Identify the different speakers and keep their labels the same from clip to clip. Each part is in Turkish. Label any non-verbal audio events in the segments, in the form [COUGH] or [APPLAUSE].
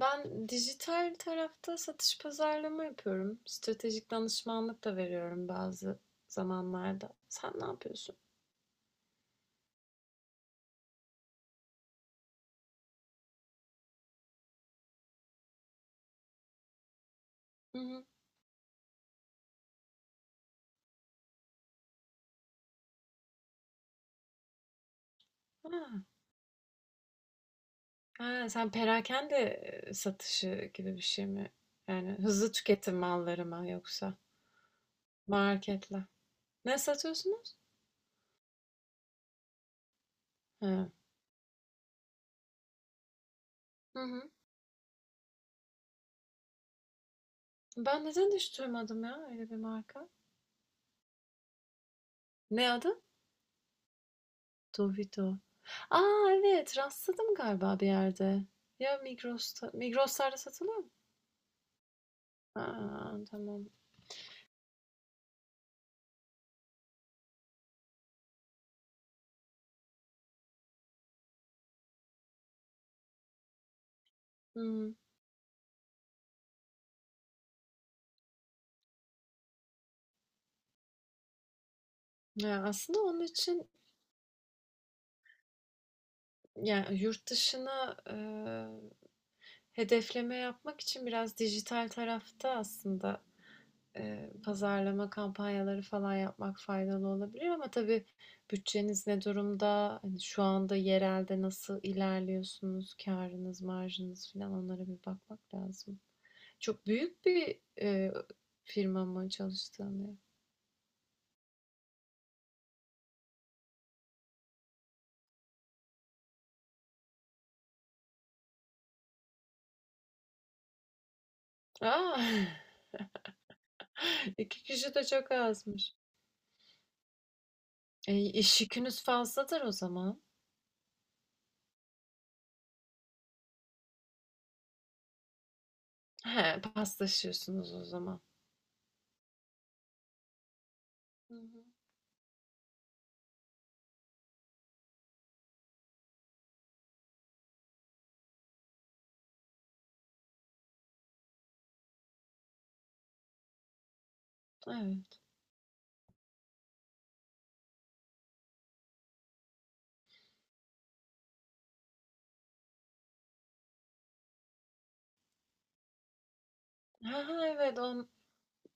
Speaker 1: Ben dijital tarafta satış pazarlama yapıyorum. Stratejik danışmanlık da veriyorum bazı zamanlarda. Sen ne yapıyorsun? Hı hı. Ha. Ha, sen perakende satışı gibi bir şey mi? Yani hızlı tüketim malları mı yoksa marketle? Ne satıyorsunuz? Ha. Hı hı. Ben neden hiç duymadım ya öyle bir marka? Ne adı? Dovito. Aa evet rastladım galiba bir yerde. Ya Migros'larda satılıyor mu? A, tamam. Hımm. Ya, aslında onun için, yani yurt dışına, hedefleme yapmak için biraz dijital tarafta aslında, pazarlama kampanyaları falan yapmak faydalı olabilir ama tabii bütçeniz ne durumda? Hani, şu anda yerelde nasıl ilerliyorsunuz? Kârınız, marjınız filan onlara bir bakmak lazım. Çok büyük bir, firma mı çalıştığın yer? A! [LAUGHS] kişi de çok azmış. E, iş yükünüz fazladır o zaman. He, paslaşıyorsunuz o zaman. Hı hı. Evet. Ha ha evet on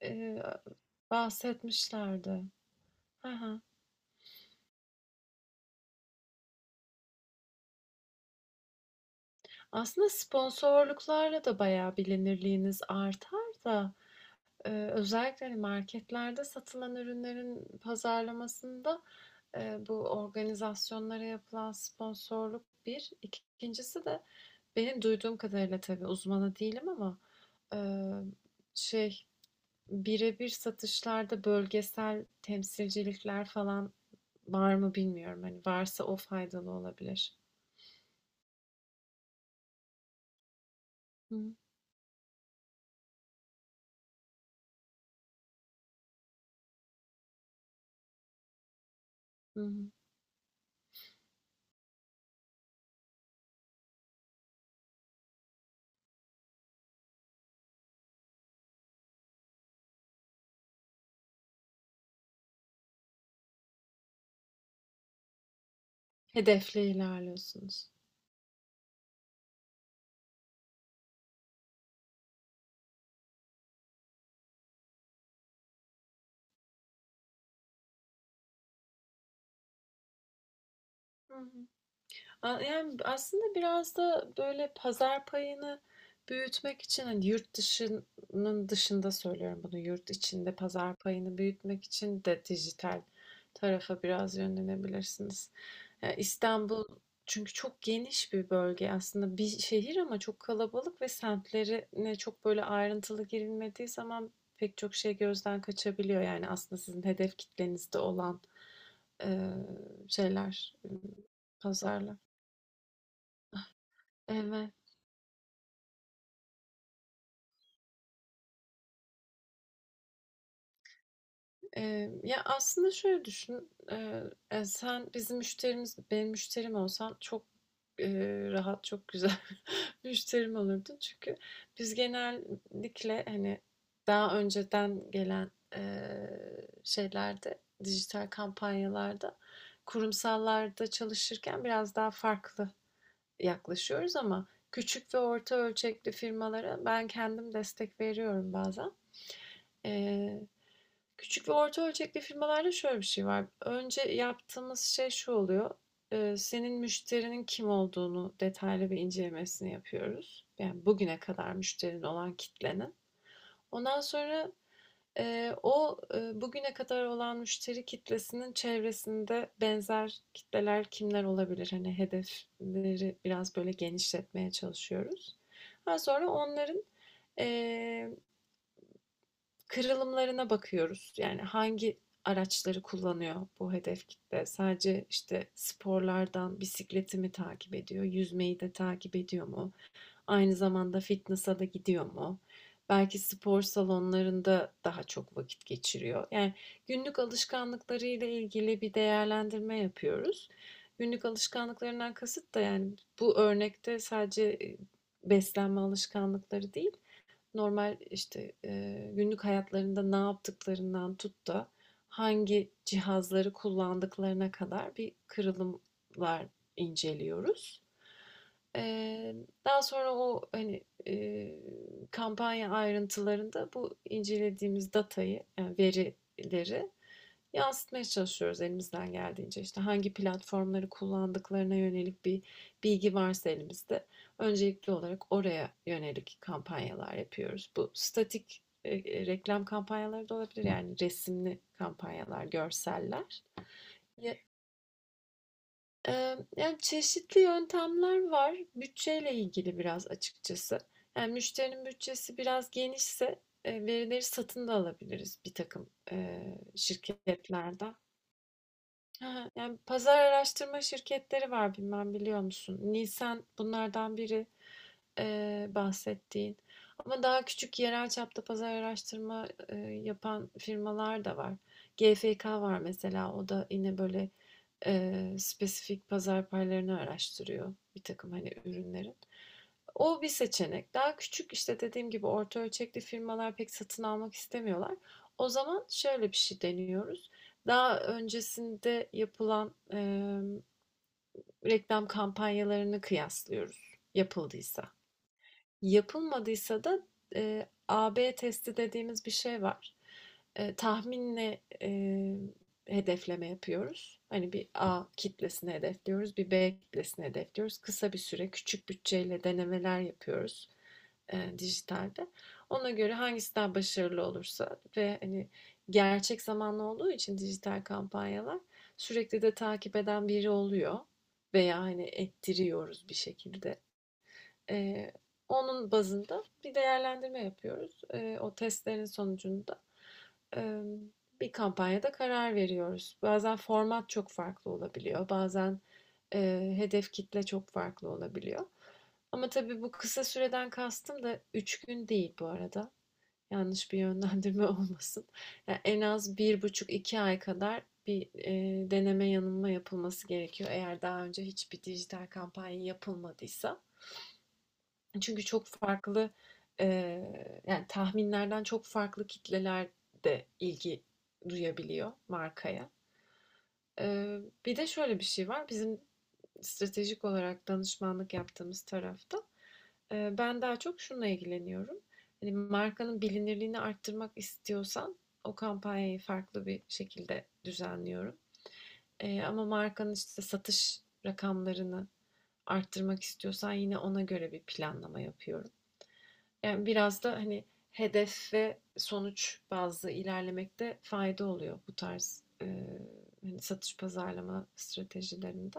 Speaker 1: e, bahsetmişlerdi. Ha ha. Aslında sponsorluklarla da bayağı bilinirliğiniz artar da e, özellikle hani marketlerde satılan ürünlerin pazarlamasında e, bu organizasyonlara yapılan sponsorluk bir. İkincisi de benim duyduğum kadarıyla tabii uzmanı değilim ama e, şey birebir satışlarda bölgesel temsilcilikler falan var mı bilmiyorum. Hani varsa o faydalı olabilir. Hı hı. Hedefle ilerliyorsunuz. Hı hı. Yani aslında biraz da böyle pazar payını büyütmek için hani yurt dışının dışında söylüyorum bunu yurt içinde pazar payını büyütmek için de dijital tarafa biraz yönlenebilirsiniz. Yani İstanbul çünkü çok geniş bir bölge aslında bir şehir ama çok kalabalık ve semtlerine çok böyle ayrıntılı girilmediği zaman pek çok şey gözden kaçabiliyor. Yani aslında sizin hedef kitlenizde olan eee, şeyler, pazarlar. Evet. Ya, aslında şöyle düşün, sen bizim müşterimiz benim müşterim olsan çok, rahat, çok güzel [LAUGHS] müşterim olurdun. Çünkü biz genellikle, hani, daha önceden gelen, şeylerde, dijital kampanyalarda, kurumsallarda çalışırken biraz daha farklı yaklaşıyoruz ama küçük ve orta ölçekli firmalara ben kendim destek veriyorum bazen. Küçük ve orta ölçekli firmalarda şöyle bir şey var. Önce yaptığımız şey şu oluyor. Senin müşterinin kim olduğunu detaylı bir incelemesini yapıyoruz. Yani bugüne kadar müşterin olan kitlenin. Ondan sonra o bugüne kadar olan müşteri kitlesinin çevresinde benzer kitleler kimler olabilir? Hani hedefleri biraz böyle genişletmeye çalışıyoruz. Daha sonra onların eee kırılımlarına bakıyoruz. Yani hangi araçları kullanıyor bu hedef kitle? Sadece işte sporlardan bisikleti mi takip ediyor? Yüzmeyi de takip ediyor mu? Aynı zamanda fitness'a da gidiyor mu? Belki spor salonlarında daha çok vakit geçiriyor. Yani günlük alışkanlıklarıyla ilgili bir değerlendirme yapıyoruz. Günlük alışkanlıklarından kasıt da yani bu örnekte sadece beslenme alışkanlıkları değil, normal, işte, günlük hayatlarında ne yaptıklarından tut da hangi cihazları kullandıklarına kadar bir kırılımlar inceliyoruz. Eee, daha sonra o, hani, kampanya ayrıntılarında bu incelediğimiz datayı, yani verileri yansıtmaya çalışıyoruz elimizden geldiğince. İşte, hangi platformları kullandıklarına yönelik bir bilgi varsa elimizde öncelikli olarak oraya yönelik kampanyalar yapıyoruz. Bu statik reklam kampanyaları da olabilir. Yani resimli kampanyalar, görseller. Ya- e, yani çeşitli yöntemler var. Bütçeyle ilgili biraz açıkçası. Yani müşterinin bütçesi biraz genişse e, verileri satın da alabiliriz bir takım şirketlerden. Yani pazar araştırma şirketleri var bilmem biliyor musun? Nisan bunlardan biri. Bahsettiğin. Ama daha küçük yerel çapta pazar araştırma yapan firmalar da var. GfK var mesela. O da yine böyle spesifik pazar paylarını araştırıyor bir takım hani ürünlerin. O bir seçenek. Daha küçük işte dediğim gibi orta ölçekli firmalar pek satın almak istemiyorlar. O zaman şöyle bir şey deniyoruz. Daha öncesinde yapılan reklam kampanyalarını kıyaslıyoruz yapıldıysa. Yapılmadıysa da e, A/B testi dediğimiz bir şey var. Tahminle hedefleme yapıyoruz. Hani bir A kitlesini hedefliyoruz, bir B kitlesini hedefliyoruz. Kısa bir süre küçük bütçeyle denemeler yapıyoruz dijitalde. Ona göre hangisi daha başarılı olursa ve hani gerçek zamanlı olduğu için dijital kampanyalar sürekli de takip eden biri oluyor veya hani ettiriyoruz bir şekilde. Eee, onun bazında bir değerlendirme yapıyoruz. O testlerin sonucunda em, bir kampanyada karar veriyoruz. Bazen format çok farklı olabiliyor, bazen hedef kitle çok farklı olabiliyor. Ama tabii bu kısa süreden kastım da 3 gün değil bu arada. Yanlış bir yönlendirme [LAUGHS] olmasın. Yani en az bir buçuk iki ay kadar bir deneme yanılma yapılması gerekiyor. Eğer daha önce hiçbir dijital kampanya yapılmadıysa. Çünkü çok farklı, yani tahminlerden çok farklı kitleler de ilgi duyabiliyor markaya. Eee, bir de şöyle bir şey var. Bizim stratejik olarak danışmanlık yaptığımız tarafta ben daha çok şununla ilgileniyorum. Yani markanın bilinirliğini arttırmak istiyorsan o kampanyayı farklı bir şekilde düzenliyorum. Ama markanın işte satış rakamlarını arttırmak istiyorsan yine ona göre bir planlama yapıyorum. Yani biraz da hani hedef ve sonuç bazlı ilerlemekte fayda oluyor bu tarz e, hani satış pazarlama stratejilerinde.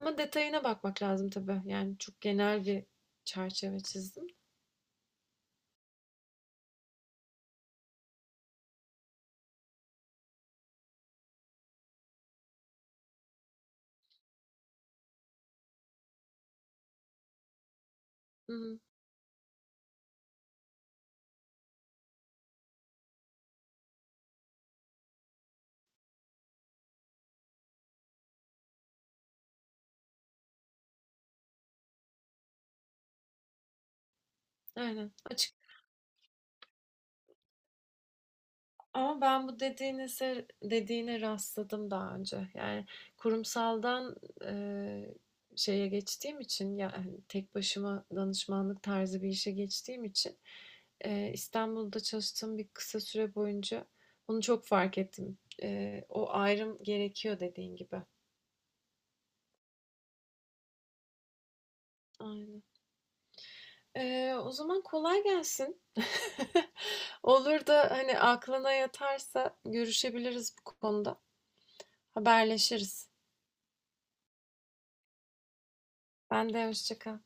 Speaker 1: Ama detayına bakmak lazım tabii. Yani çok genel bir çerçeve çizdim. Hı hı, aynen. Açık. Ama ben bu dediğine rastladım daha önce. Yani kurumsaldan eee, şeye geçtiğim için yani tek başıma danışmanlık tarzı bir işe geçtiğim için İstanbul'da çalıştığım bir kısa süre boyunca bunu çok fark ettim. O ayrım gerekiyor dediğin gibi. Aynen. O zaman kolay gelsin. [LAUGHS] Olur da hani aklına yatarsa görüşebiliriz bu konuda. Haberleşiriz. Ben de hoşça kal.